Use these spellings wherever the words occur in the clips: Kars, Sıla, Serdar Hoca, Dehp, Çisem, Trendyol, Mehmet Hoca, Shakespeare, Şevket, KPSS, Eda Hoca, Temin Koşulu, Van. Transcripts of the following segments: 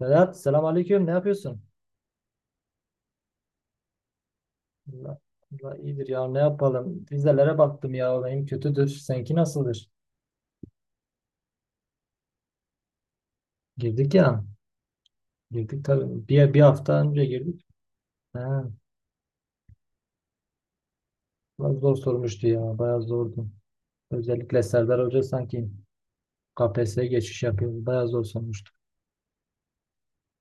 Berat, selamünaleyküm. Ne yapıyorsun? Allah, Allah iyidir ya. Ne yapalım? Vizelere baktım ya. Benim kötüdür. Seninki nasıldır? Girdik ya. Girdik tabii. Bir hafta önce girdik. He, biraz zor sormuştu ya. Bayağı zordu. Özellikle Serdar Hoca sanki KPSS'ye geçiş yapıyor. Bayağı zor sormuştu.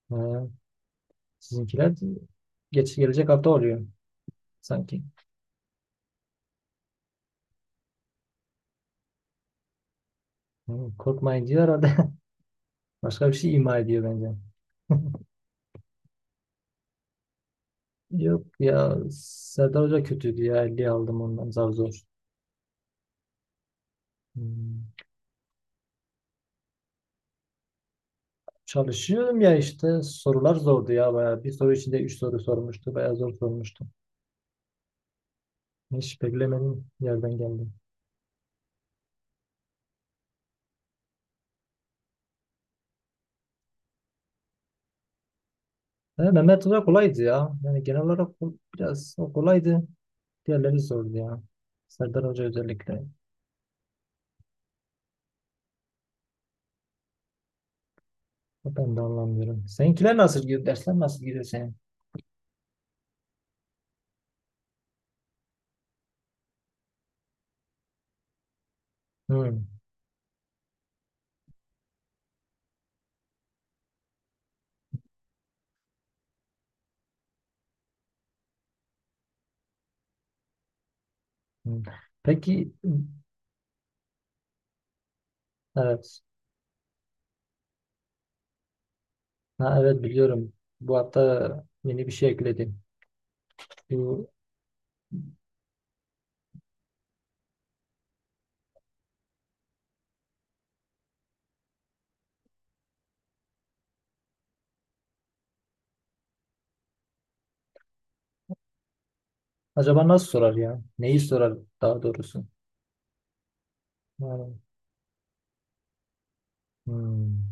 He, sizinkiler gelecek hafta oluyor sanki. He, korkmayın diyor herhalde. Başka bir şey ima ediyor bence. Yok ya Serdar Hoca kötüydü ya 50 aldım ondan zar zor. Hmm. Çalışıyorum ya işte sorular zordu ya bayağı. Bir soru içinde üç soru sormuştu. Bayağı zor sormuştu. Hiç beklemedim yerden geldim. E, Mehmet Hoca kolaydı ya. Yani genel olarak biraz o kolaydı. Diğerleri zordu ya. Serdar Hoca özellikle. Ben de anlamıyorum. Seninkiler nasıl gidiyor? Dersler nasıl gidiyor senin? Hmm. Hmm. Peki, evet. Ha, evet, biliyorum. Bu hafta yeni bir şey ekledim. Bu Acaba nasıl sorar ya? Neyi sorar daha doğrusu? Yani, hmm.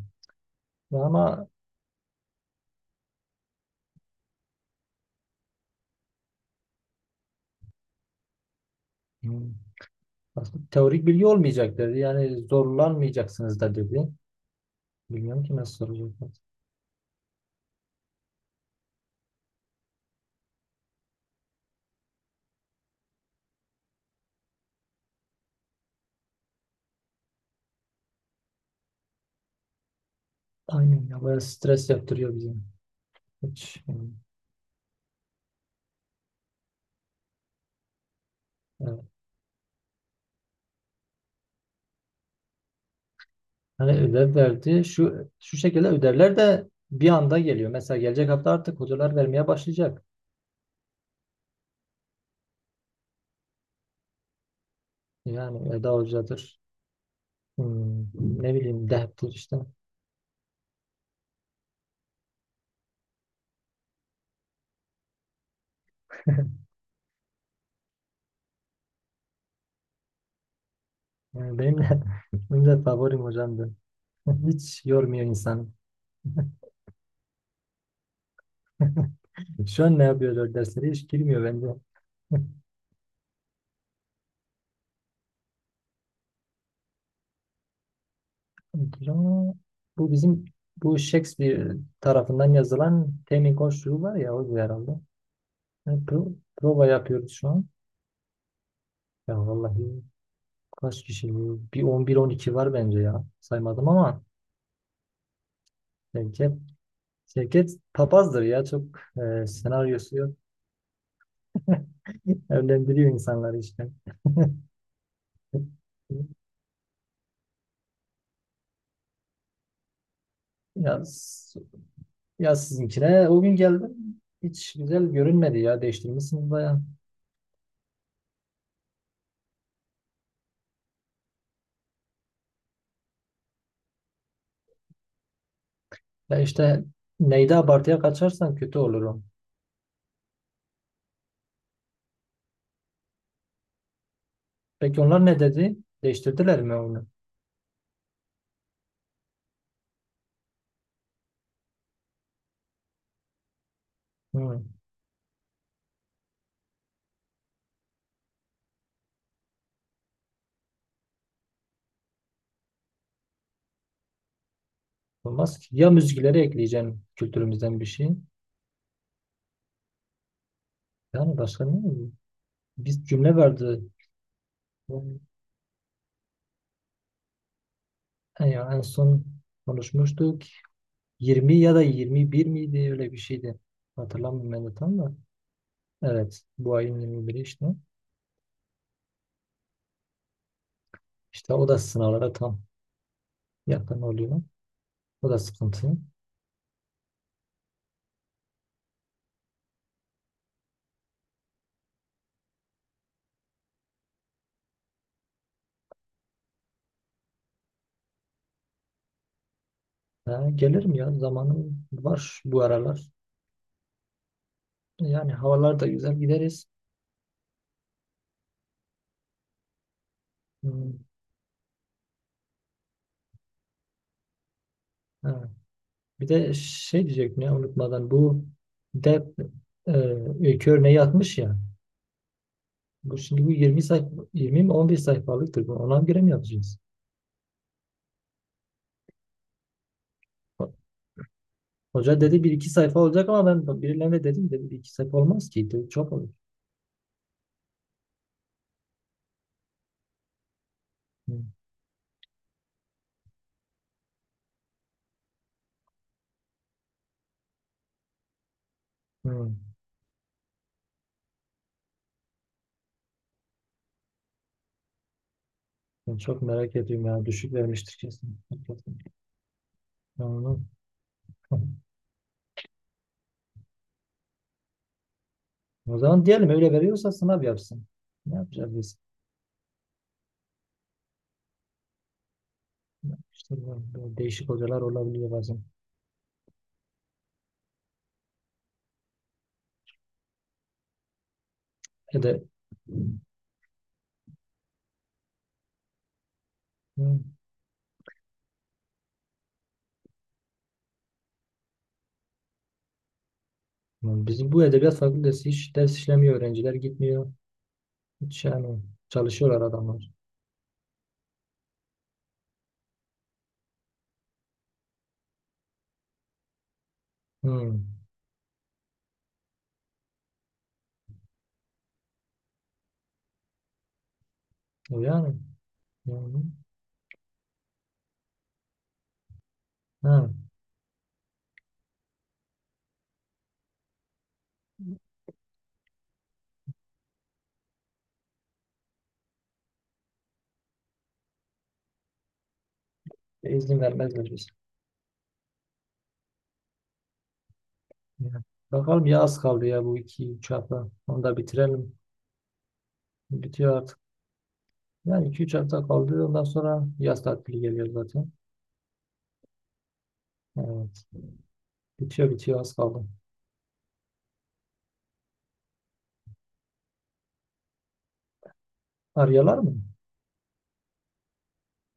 Ama hmm, aslında teorik bilgi olmayacak dedi. Yani zorlanmayacaksınız da dedi. Bilmiyorum ki nasıl soracaklar. Aynen ya, bayağı stres yaptırıyor bizi. Hiç, hmm, evet. Hani ödev verdi. Şu şekilde ödevler de bir anda geliyor. Mesela gelecek hafta artık hocalar vermeye başlayacak. Yani Eda Hoca'dır. Hmm, Ne bileyim, Dehp'tir işte. Yani benim de, benim de favorim hocamdı. Hiç yormuyor insan. Şu an ne yapıyorlar, dersleri hiç girmiyor bence. Hocam, Bu bizim bu Shakespeare tarafından yazılan Temin Koşulu var ya, o da herhalde. Yani prova yapıyoruz şu an. Ya vallahi, kaç kişi? Bir on bir on iki var bence ya. Saymadım ama Şevket, Şevket papazdır ya, çok senaryosu yok. Evlendiriyor insanları işte. Yaz, yaz sizinkine. O gün geldim. Hiç güzel görünmedi ya. Değiştirmişsiniz bayağı. Ya işte, neyde abartıya kaçarsan kötü olur o. Peki onlar ne dedi? Değiştirdiler mi onu? Hı. Olmaz ki. Ya müzikleri ekleyeceğim kültürümüzden bir şey. Yani başka ne olur? Bir cümle vardı. Ya en son konuşmuştuk. 20 ya da 21 miydi? Öyle bir şeydi. Hatırlamıyorum ben de tam da. Evet. Bu ayın 21'i işte. İşte o da sınavlara tam yakın oluyor. O da sıkıntı. Ha, gelirim ya. Zamanım var bu aralar. Yani havalar da güzel. Gideriz. Hmm, ha. Bir de şey diyecektim ya, unutmadan. Dep e, Öykü örneği atmış ya. Bu şimdi 20 sayfa 20 mi 11 sayfalıktır. Bu ona göre mi yapacağız? Ho- Hoca dedi bir iki sayfa olacak, ama ben birilerine dedim, dedi bir iki sayfa olmaz ki. Dedi, çok olur. Hmm, hmm. Ben çok merak ediyorum ya. Düşük vermiştir kesin. Hakikaten. Ya onu Hı. O zaman diyelim, öyle veriyorsa sınav yapsın. Ne yapacağız biz? İşte bu değişik hocalar olabiliyor bazen. Ya da Hı. Bizim bu edebiyat fakültesi hiç ders işlemiyor. Öğrenciler gitmiyor. Hiç yani, çalışıyorlar adamlar. Hı. O yani. Yani. Ha. İzin vermezler biz. Ya. Bakalım ya, az kaldı ya, bu iki üç hafta. Onu da bitirelim. Bitiyor artık. Yani iki üç hafta kaldı. Ondan sonra yaz tatili geliyor zaten. Evet. Bitiyor, bitiyor, az kaldı. Arıyorlar mı?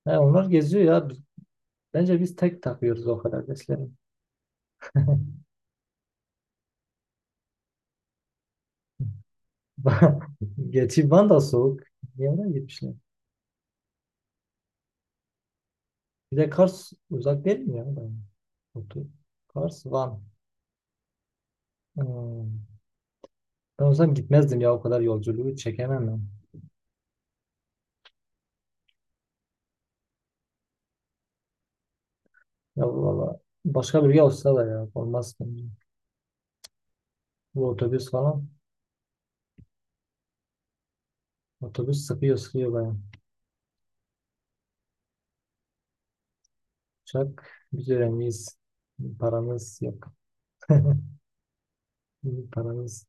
He, onlar geziyor ya. Bence biz tek takıyoruz o kadar besleri. Gerçi Van da soğuk. Niye oraya gitmişler? Bir de Kars uzak değil mi ya? Otur. Kars, Van. Hmm. Ben olsam gitmezdim ya, o kadar yolculuğu çekemem ben. Ya valla, başka biri olsa da ya olmaz bence. Bu otobüs falan. Otobüs sıkıyor, sıkıyor bayağı. Uçak, biz öğrenciyiz. Paramız yok. Paramız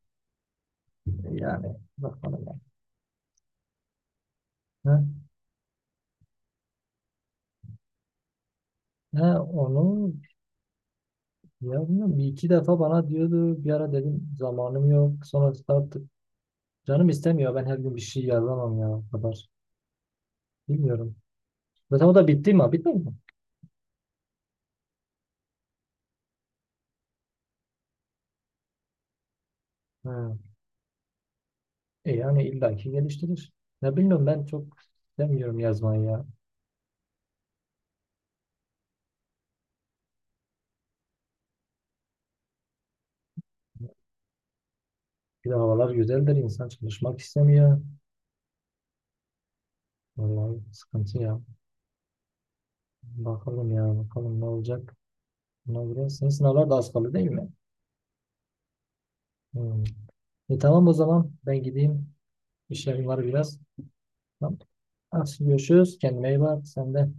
Yani bakalım ya. Ha? Ha, onu Ya bilmiyorum, bir iki defa bana diyordu, bir ara dedim zamanım yok, sonra artık canım istemiyor, ben her gün bir şey yazamam ya, o kadar bilmiyorum. Zaten o da bitti mi? Bitmedi mi? Ha. E yani, illaki geliştirir. Ne bilmiyorum, ben çok istemiyorum yazmayı ya. Bir de havalar güzeldir, insan çalışmak istemiyor. Vallahi sıkıntı ya. Bakalım ya, bakalım ne olacak. Buna göre senin sınavlar da az kaldı değil mi? Hmm. E tamam, o zaman ben gideyim, işlerim var biraz. Tamam. Hadi görüşürüz. Kendine iyi bak. Sen de.